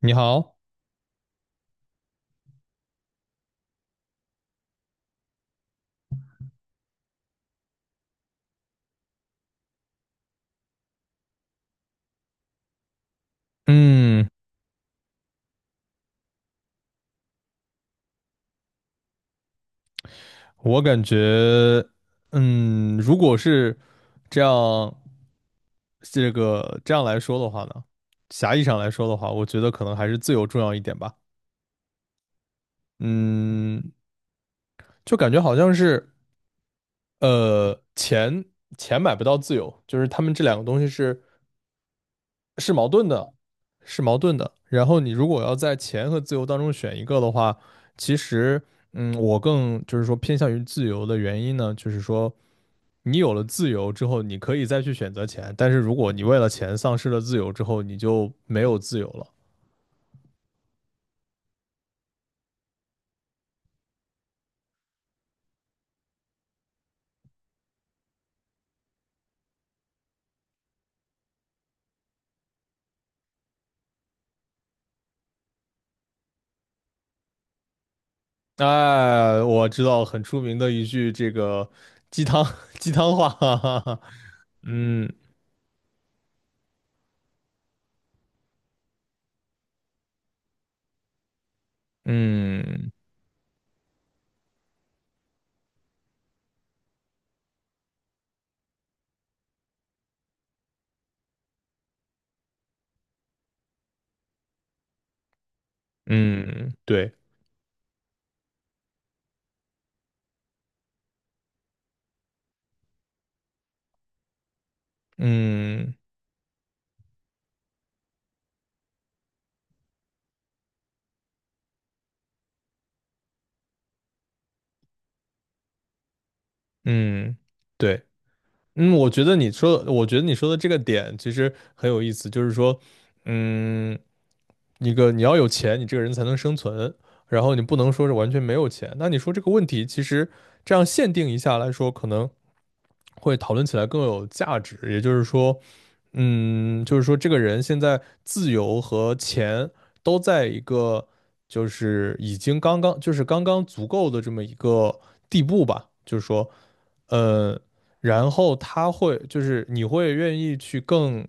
你好。嗯，我感觉，嗯，如果是这样，这样来说的话呢，狭义上来说的话，我觉得可能还是自由重要一点吧。嗯，就感觉好像是，呃，钱钱买不到自由，就是他们这两个东西是矛盾的，是矛盾的。然后你如果要在钱和自由当中选一个的话，其实，嗯，我更就是说偏向于自由的原因呢，就是说。你有了自由之后，你可以再去选择钱，但是如果你为了钱丧失了自由之后，你就没有自由了。哎，我知道很出名的一句这个鸡汤鸡汤话，哈哈哈。嗯嗯嗯，对，嗯嗯对，嗯，我觉得你说的这个点其实很有意思，就是说，嗯，一个你要有钱，你这个人才能生存，然后你不能说是完全没有钱。那你说这个问题，其实这样限定一下来说，可能会讨论起来更有价值。也就是说，嗯，就是说这个人现在自由和钱都在一个就是已经刚刚就是刚刚足够的这么一个地步吧，就是说。呃，然后他会就是你会愿意去更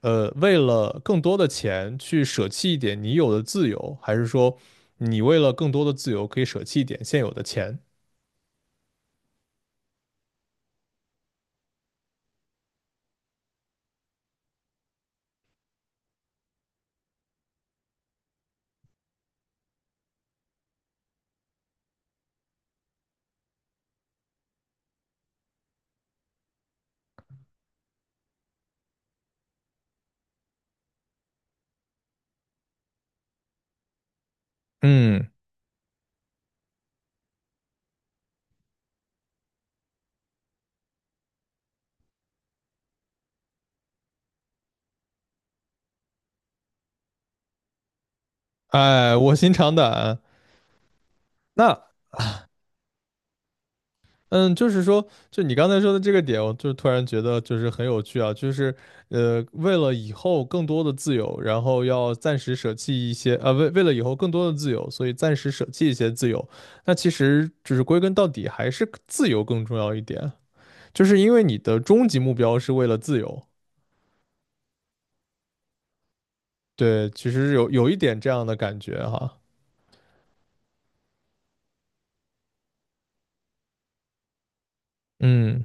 为了更多的钱去舍弃一点你有的自由，还是说你为了更多的自由可以舍弃一点现有的钱？嗯，哎，卧薪尝胆啊。那嗯，就是说，就你刚才说的这个点，我就突然觉得就是很有趣啊，就是为了以后更多的自由，然后要暂时舍弃一些，呃，为为了以后更多的自由，所以暂时舍弃一些自由。那其实就是归根到底还是自由更重要一点，就是因为你的终极目标是为了自由。对，其实有一点这样的感觉哈。嗯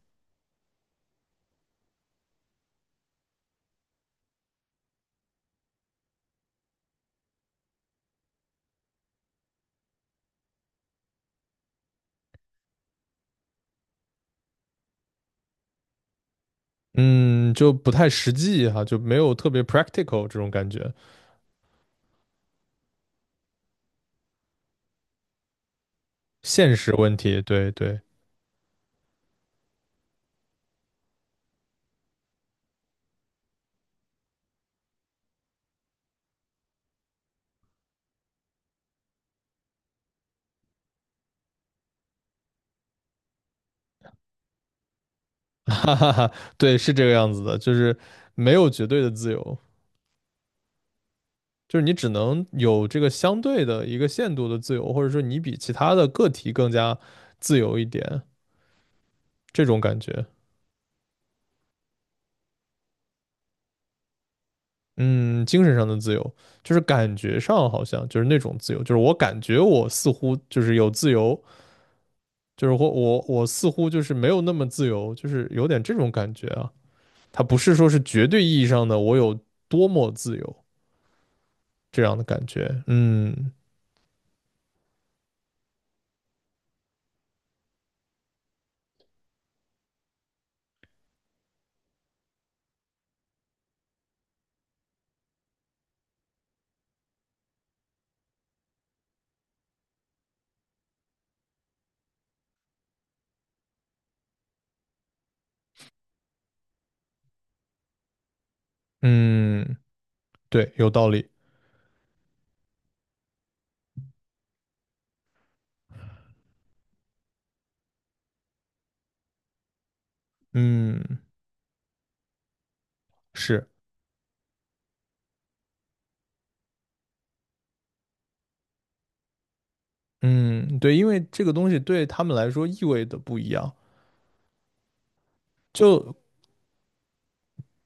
嗯，就不太实际哈，就没有特别 practical 这种感觉。现实问题，对对。哈哈哈，对，是这个样子的，就是没有绝对的自由，就是你只能有这个相对的一个限度的自由，或者说你比其他的个体更加自由一点，这种感觉。嗯，精神上的自由，就是感觉上好像就是那种自由，就是我感觉我似乎就是有自由，就是或我似乎就是没有那么自由，就是有点这种感觉啊。它不是说是绝对意义上的我有多么自由这样的感觉。嗯嗯。对，有道理。嗯，是，嗯，对，因为这个东西对他们来说意味的不一样。就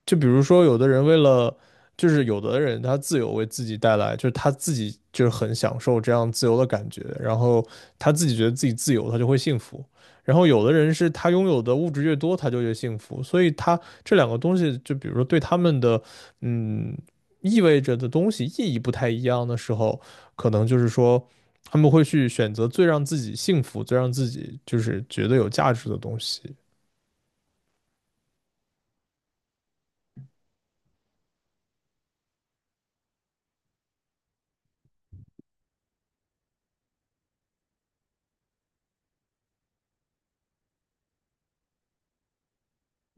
就比如说，有的人为了，就是有的人他自由为自己带来，就是他自己就是很享受这样自由的感觉，然后他自己觉得自己自由，他就会幸福。然后有的人是他拥有的物质越多，他就越幸福。所以他这两个东西，就比如说对他们的，嗯，意味着的东西意义不太一样的时候，可能就是说他们会去选择最让自己幸福、最让自己就是觉得有价值的东西。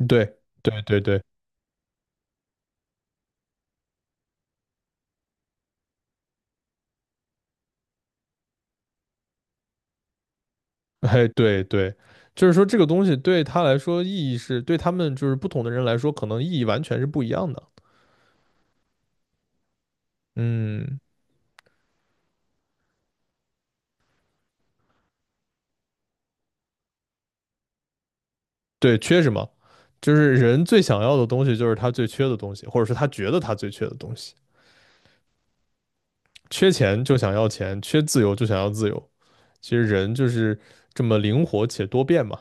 对，对，对，对。哎，对对，就是说这个东西对他来说意义是，对他们就是不同的人来说，可能意义完全是不一样的。嗯，对，缺什么？就是人最想要的东西，就是他最缺的东西，或者是他觉得他最缺的东西。缺钱就想要钱，缺自由就想要自由。其实人就是这么灵活且多变嘛。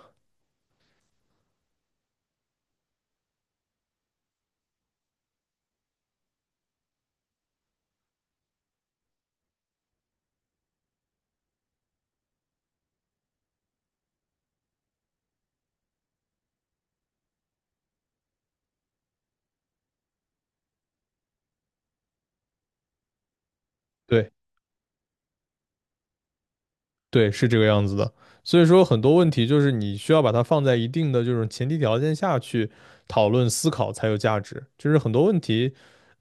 对。对，是这个样子的。所以说，很多问题就是你需要把它放在一定的这种前提条件下去讨论思考才有价值。就是很多问题，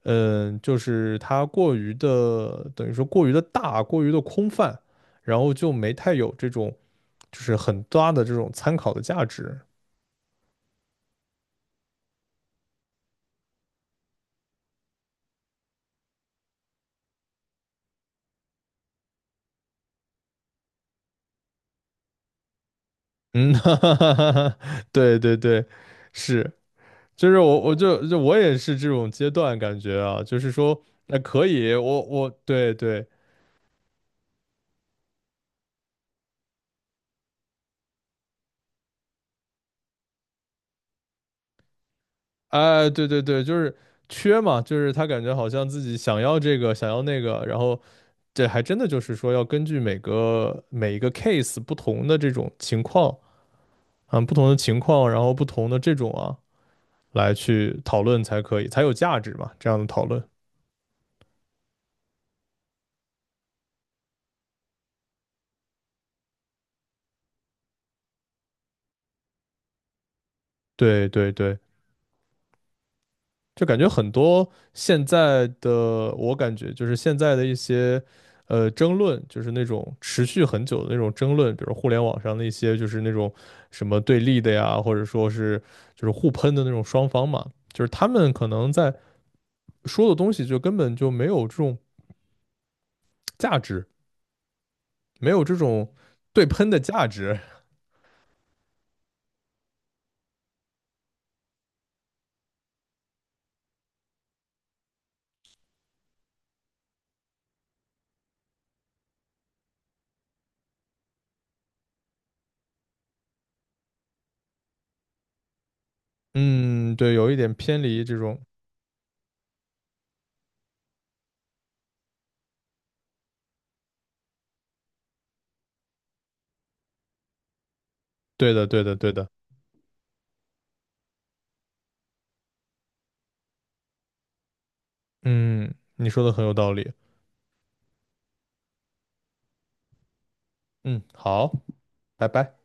嗯，就是它过于的，等于说过于的大，过于的空泛，然后就没太有这种就是很大的这种参考的价值。嗯，哈哈哈哈，对对对，是，就是我我就就我也是这种阶段感觉啊，就是说，那可以，我对对。哎，对对对，就是缺嘛，就是他感觉好像自己想要这个，想要那个，然后这还真的就是说要根据每一个 case 不同的这种情况，嗯，不同的情况，然后不同的这种啊，来去讨论才可以，才有价值嘛，这样的讨论。对对对，就感觉很多现在的，我感觉就是现在的一些争论，就是那种持续很久的那种争论，比如互联网上的一些就是那种什么对立的呀，或者说是就是互喷的那种双方嘛，就是他们可能在说的东西就根本就没有这种价值，没有这种对喷的价值。嗯，对，有一点偏离这种。对的，对的，对的。嗯，你说的很有道理。嗯，好，拜拜。